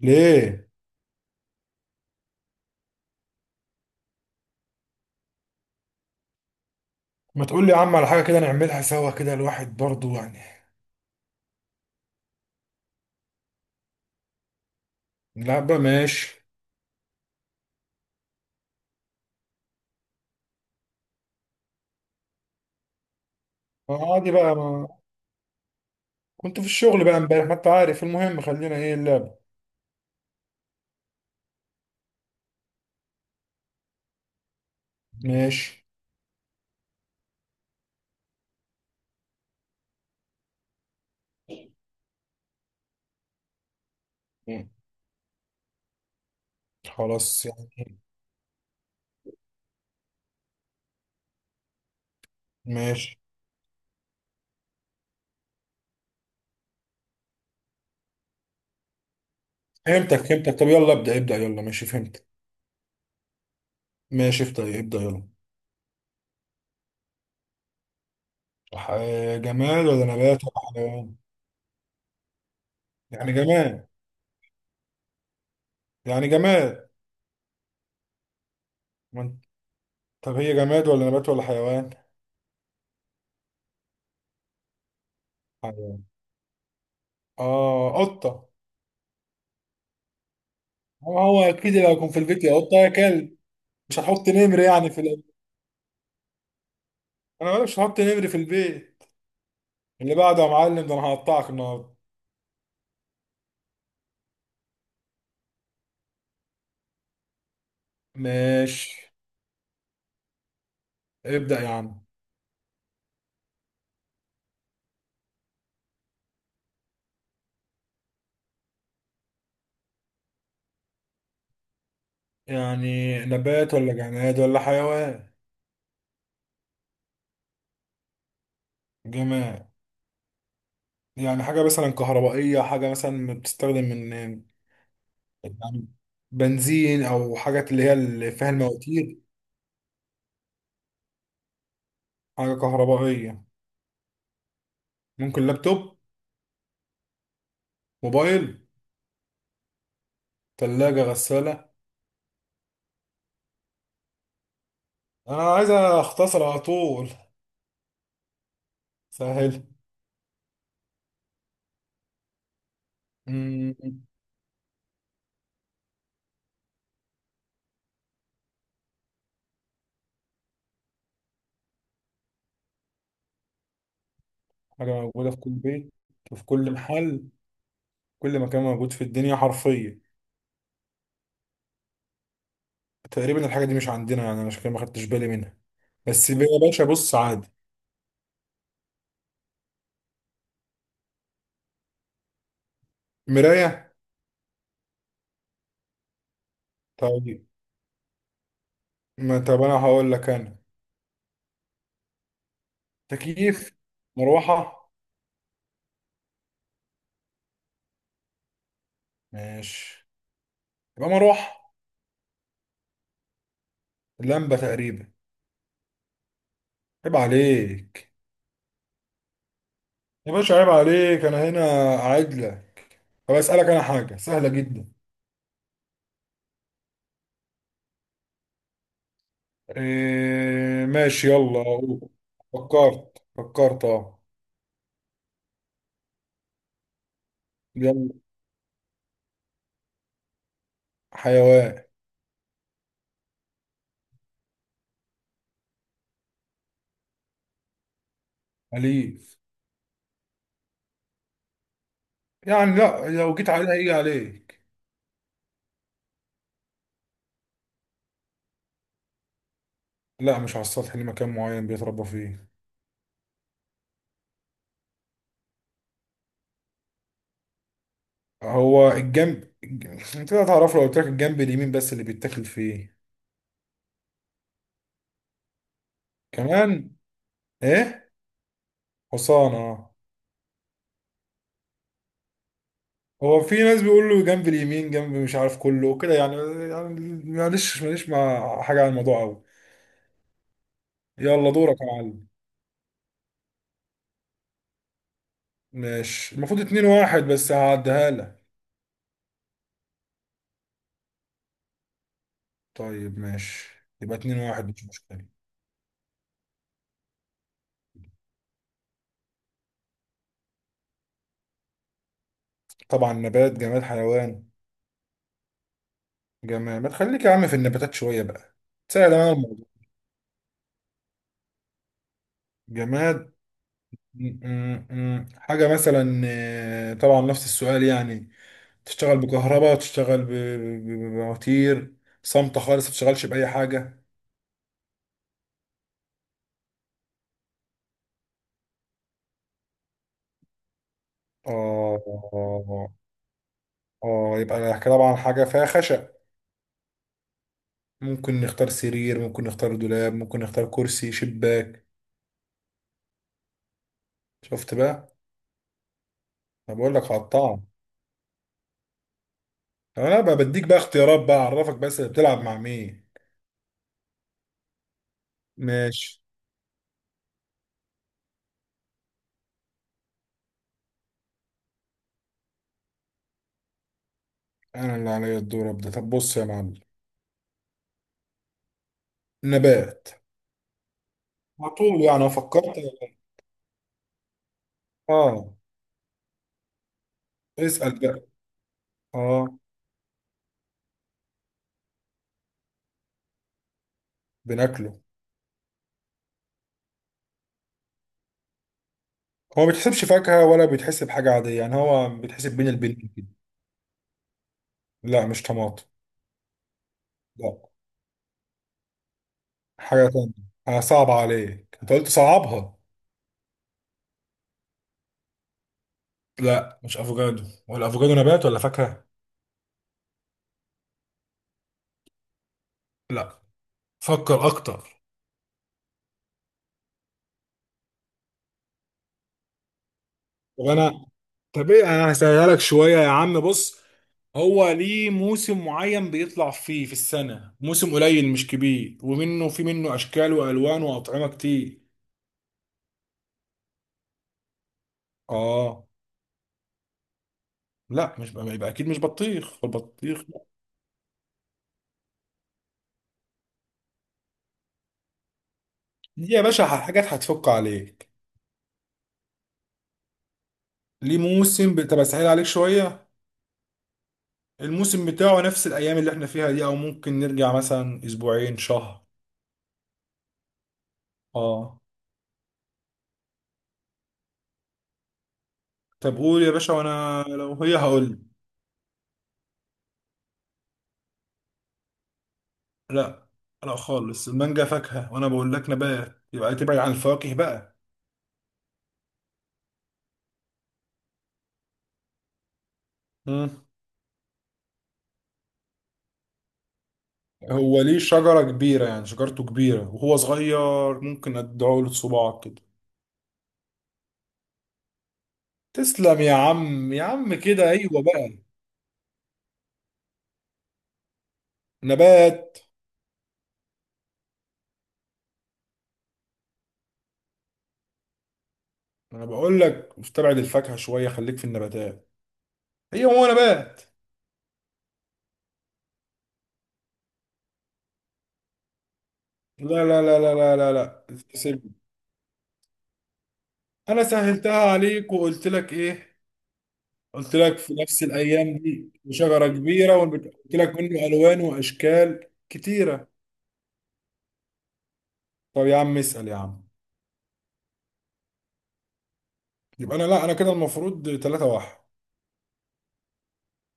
ليه؟ ما تقول لي يا عم على حاجه كده نعملها سوا كده، الواحد برضو يعني. لا بقى ماشي. عادي بقى. ما كنت في الشغل بقى امبارح، ما انت عارف. المهم خلينا، ايه اللعبه؟ ماشي. مم. خلاص يعني. ماشي فهمتك. طب يلا ابدا ابدا، يلا ماشي فهمتك. ماشي ابدا ابدا يلا. ح- جماد ولا نبات ولا حيوان؟ يعني جماد يعني جماد. ما انت- طب هي جماد ولا نبات ولا حيوان؟ حيوان. اه قطه. هو اكيد لو يكون في البيت، يا قطه يا كلب. مش هحط نمر يعني انا مالي، مش هحط نمر في البيت. اللي بعده يا معلم، ده انا هقطعك النهارده. ماشي. ابدأ يا عم. يعني نبات ولا جماد ولا حيوان؟ جماد. يعني حاجة مثلا كهربائية، حاجة مثلا بتستخدم من يعني بنزين او حاجات اللي هي اللي فيها المواتير. حاجة كهربائية. ممكن لابتوب؟ موبايل؟ تلاجة؟ غسالة؟ انا عايز اختصر على طول. سهل. حاجة موجودة في كل بيت، وفي كل محل، كل مكان موجود في الدنيا حرفيا. تقريبا الحاجة دي مش عندنا يعني أنا، عشان كده ما خدتش بالي منها. بس يا باشا بص عادي، مراية. طيب، ما طب أنا هقول لك. أنا تكييف، مروحة. ماشي يبقى مروحة، لمبة تقريبا. عيب عليك. يا باشا عيب عليك، أنا هنا قاعد لك. طب أسألك أنا حاجة سهلة جدا. إيه ماشي يلا أقول. فكرت أه. يلا. حيوان. أليف. يعني لا لو جيت عليها يجي عليك. لا مش على السطح، ليه مكان معين بيتربى فيه. هو الجنب الج- انت هتعرفه، لو قلت لك الجنب اليمين بس اللي بيتاكل فيه. كمان. ايه، حصان اه. هو في ناس بيقولوا جنب اليمين، جنب مش عارف كله وكده يعني، يعني معلش ماليش مع حاجة عن الموضوع قوي. يلا دورك يا معلم. ماشي المفروض اتنين واحد، بس هعديها لك. طيب ماشي، يبقى اتنين واحد مش مشكلة. طبعا، نبات جماد حيوان؟ جماد. ما تخليك يا عم في النباتات شوية بقى، تسهل انا الموضوع. جماد. م- م- م. حاجة مثلا، طبعا نفس السؤال يعني، تشتغل بكهرباء، تشتغل ب- ب- ب- بمواتير، صامتة خالص ما تشتغلش بأي حاجة. اه اه اه، يبقى طبعا حاجة فيها خشب. ممكن نختار سرير، ممكن نختار دولاب، ممكن نختار كرسي، شباك. شفت بقى؟ انا بقول لك هقطعها. انا بقى بديك بقى اختيارات بقى، اعرفك بس بتلعب مع مين. ماشي. انا اللي عليا الدور ابدا، طب بص يا معلم. نبات. على طول يعني، أنا فكرت اه. اسال بقى. اه. بناكله. هو ما بيتحسبش فاكهه ولا بيتحسب حاجه عاديه يعني، هو بيتحسب بين البنين كده. لا مش طماطم. لا، حاجه تانية. آه صعب عليك، انت قلت صعبها. لا مش افوكادو، ولا افوكادو نبات ولا فاكهه. لا. فكر اكتر. طب انا طب ايه، انا هسهلها لك شويه يا عم، بص. هو ليه موسم معين بيطلع فيه في السنة، موسم قليل مش كبير، ومنه، في منه أشكال وألوان وأطعمة كتير. آه. لا مش بقى، يبقى أكيد مش بطيخ، البطيخ لا. دي يا باشا حاجات هتفك عليك. طب أسهل عليك شوية، الموسم بتاعه نفس الأيام اللي احنا فيها دي، أو ممكن نرجع مثلا أسبوعين شهر. آه. طب قول يا باشا، وأنا لو هي هقول. لا. لا خالص، المانجا فاكهة، وأنا بقول لك نبات، يبقى تبعد عن الفواكه بقى. هو ليه شجرة كبيرة يعني، شجرته كبيرة وهو صغير، ممكن ادعه له صباعك كده. تسلم يا عم، يا عم كده ايوه بقى. نبات. انا بقول لك استبعد الفاكهة شوية، خليك في النباتات. هي هو نبات. لا لا لا لا لا لا لا. سيب، انا سهلتها عليك وقلت لك ايه؟ قلت لك في نفس الايام دي شجرة كبيرة، وقلت لك منه الوان واشكال كتيرة. طب يا عم اسأل يا عم. يبقى انا، لا انا كده المفروض 3 واحد.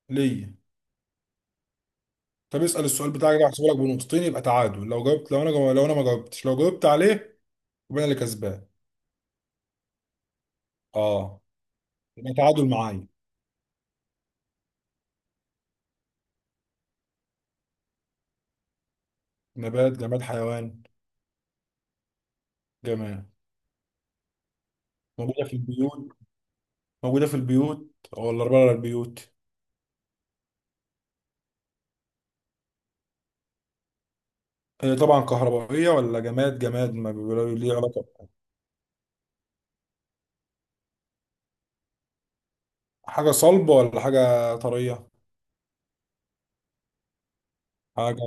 ليا. طب اسال السؤال بتاعك، ده هحسبه لك بنقطتين، يبقى تعادل لو جاوبت. لو انا ما جاوبتش، لو جاوبت عليه يبقى انا اللي كسبان. اه. يبقى تعادل معايا. نبات جماد حيوان؟ جماد. موجوده في البيوت، موجوده في البيوت، ولا بره البيوت؟ هي طبعا كهربائيه، ولا جماد جماد ما بيقولوا ليه علاقه؟ حاجه صلبه ولا حاجه طريه؟ حاجه.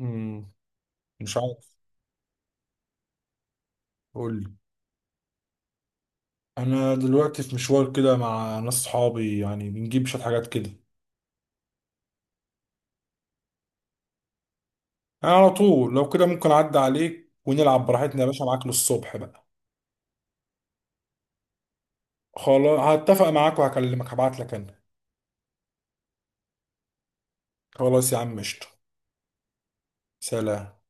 امم مش عارف. قول لي. انا دلوقتي في مشوار كده مع ناس صحابي يعني، بنجيب شويه حاجات كده. انا على طول لو كده ممكن اعدي عليك ونلعب براحتنا، يا باشا معاك للصبح بقى. خلاص هتفق معاك وهكلمك، هبعت لك انا. خلاص يا عم قشطة. سلام.